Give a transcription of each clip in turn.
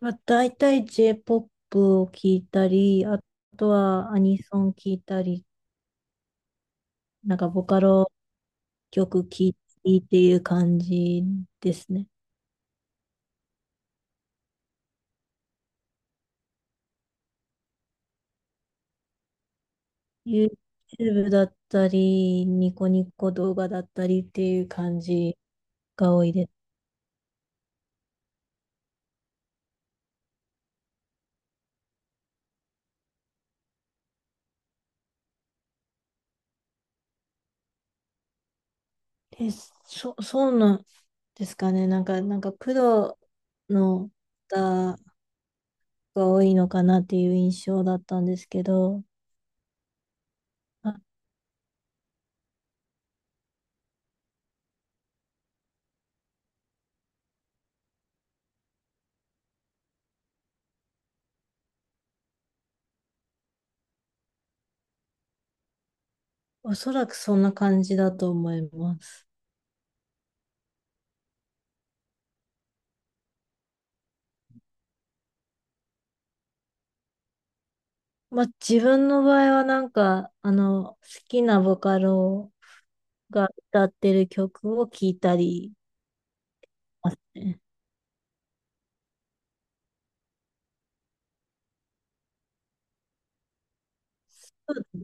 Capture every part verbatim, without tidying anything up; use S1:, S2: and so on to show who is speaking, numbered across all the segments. S1: まあ、大体 J-ジェーポップ を聴いたり、あとはアニソン聴いたり、なんかボカロ曲聴いたりっていう感じですね。YouTube だったり、ニコニコ動画だったりっていう感じが多いです。え、そ、そうなんですかね。なんか、なんかプロの方が多いのかなっていう印象だったんですけど、あ、おそらくそんな感じだと思います。まあ、自分の場合はなんか、あの、好きなボカロが歌ってる曲を聴いたりますね。そう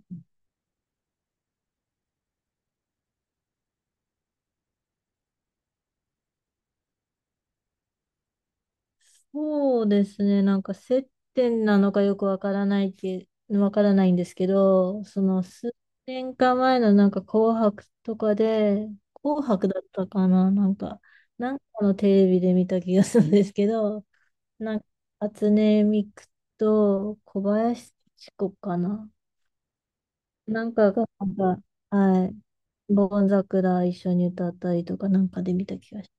S1: ですね、なんか接点なのかよくわからないけ、わからないんですけど、その数年か前のなんか紅白とかで、紅白だったかな、なんか、なんかのテレビで見た気がするんですけど、なんか、初音ミクと小林幸子かな。なんかが、なんか、はい。ボン桜一緒に歌ったりとかなんかで見た気がし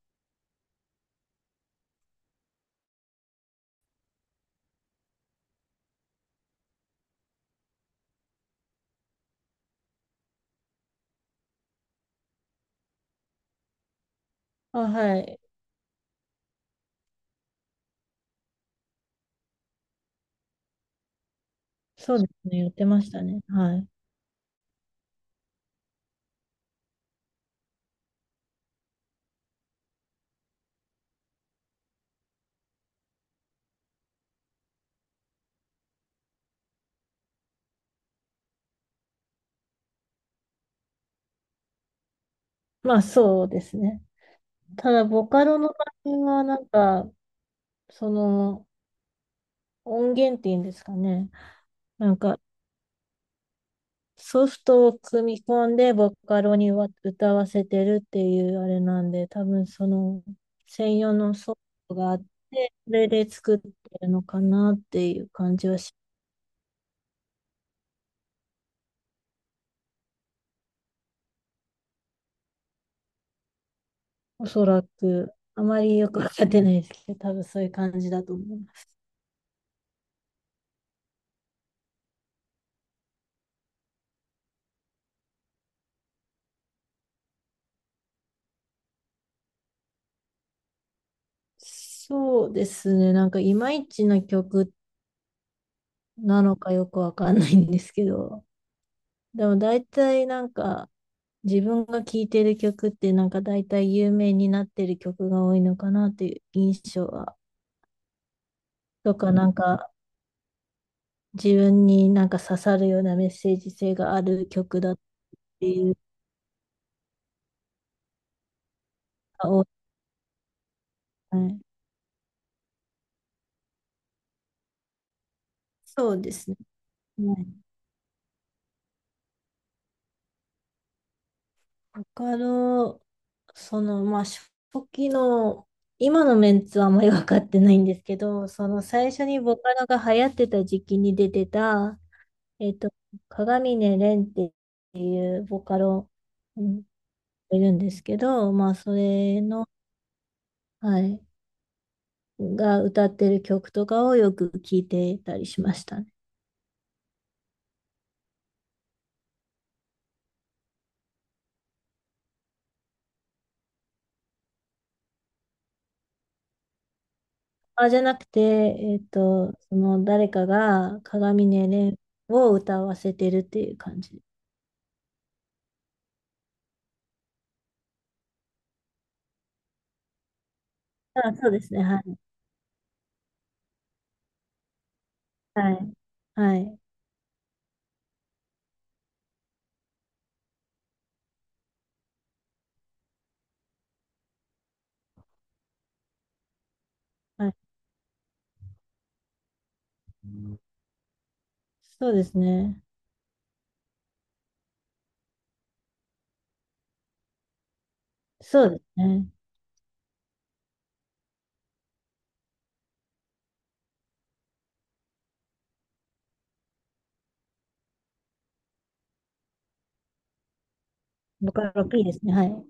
S1: ます。あ、はい。そうですね。やってましたね。はい。まあそうですね。ただ、ボカロの場合はなんか、その音源っていうんですかね。なんか、ソフトを組み込んでボカロにわ歌わせてるっていうあれなんで、多分その専用のソフトがあって、それで作ってるのかなっていう感じはし。おそらく、あまりよくわかってないですけど、多分そういう感じだと思います。そうですね、なんかいまいちな曲なのかよくわかんないんですけど、でも大体なんか自分が聴いてる曲ってなんか大体有名になってる曲が多いのかなっていう印象は、とかなんか自分になんか刺さるようなメッセージ性がある曲だっていうのが多い。はい、そうですね。はい、わかる。その、まあ、初期の、今のメンツはあんまり分かってないんですけど、その最初にボカロが流行ってた時期に出てた、えっと、鏡音蓮っていうボカロ、うん、いるんですけど、まあ、それの、はい、が歌ってる曲とかをよく聞いてたりしましたね。あ、じゃなくて、えっと、その誰かが鏡音蓮を歌わせてるっていう感じ。あ、そうですね。はい。はい。はい。はい。そうですね。そうですね。ボカロ P ですね。はい。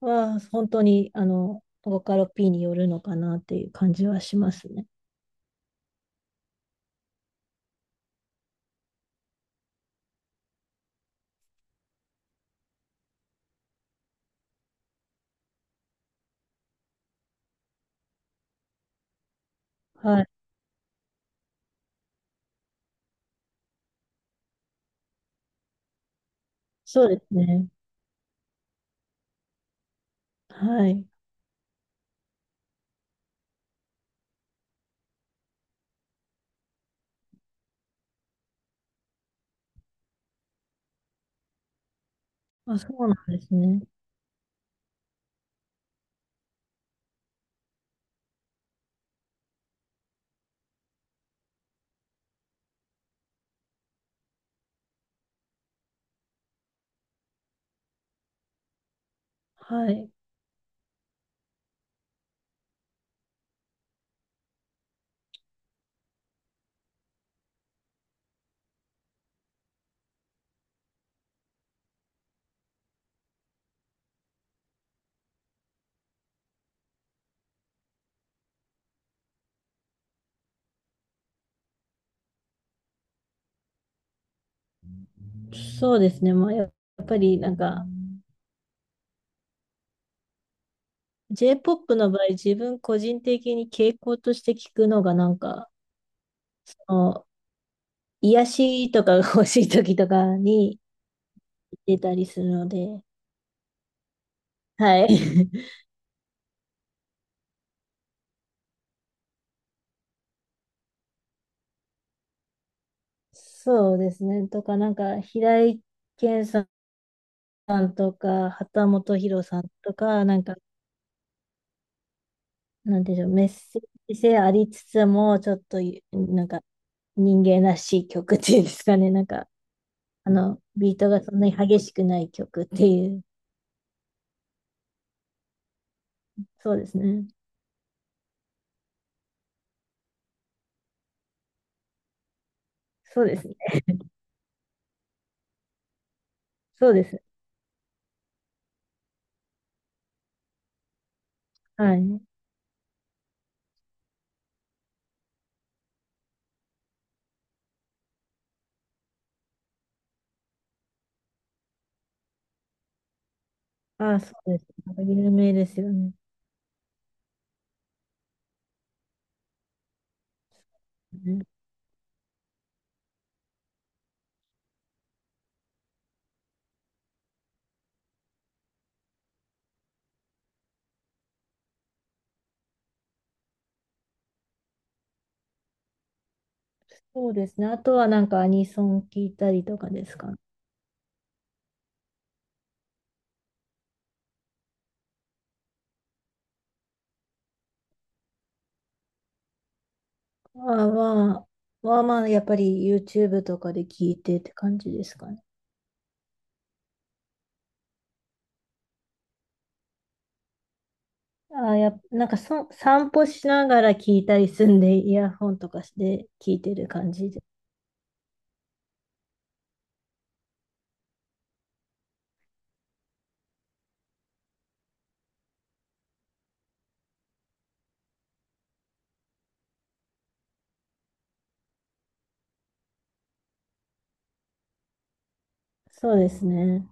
S1: は、は本当に、あの、ボカロ P によるのかなっていう感じはしますね。はい。そうですね。はい。あ、そうなんですね。はい。そうですね。まあ、やっぱり、なんか、J-ジェーポップ の場合、自分個人的に傾向として聞くのが、なんか、その、癒しとかが欲しい時とかに出たりするので、はい。そうですね。とか、なんか、平井堅さんとか、畑本博さんとか、なんか、なんていうんでしょう、メッセージ性ありつつも、ちょっと、なんか、人間らしい曲っていうんですかね。なんか、あの、ビートがそんなに激しくない曲っていう。そうですね。そうですね。そうですね。はい。ああ、そうです。なんか有名ですよね。ね、そうですね。あとはなんかアニソン聞いたりとかですかね。まあまあ、まあまあ、やっぱり YouTube とかで聞いてって感じですかね。あーやっ、なんかそ、散歩しながら聞いたりすんで、イヤホンとかして聞いてる感じで。そうですね。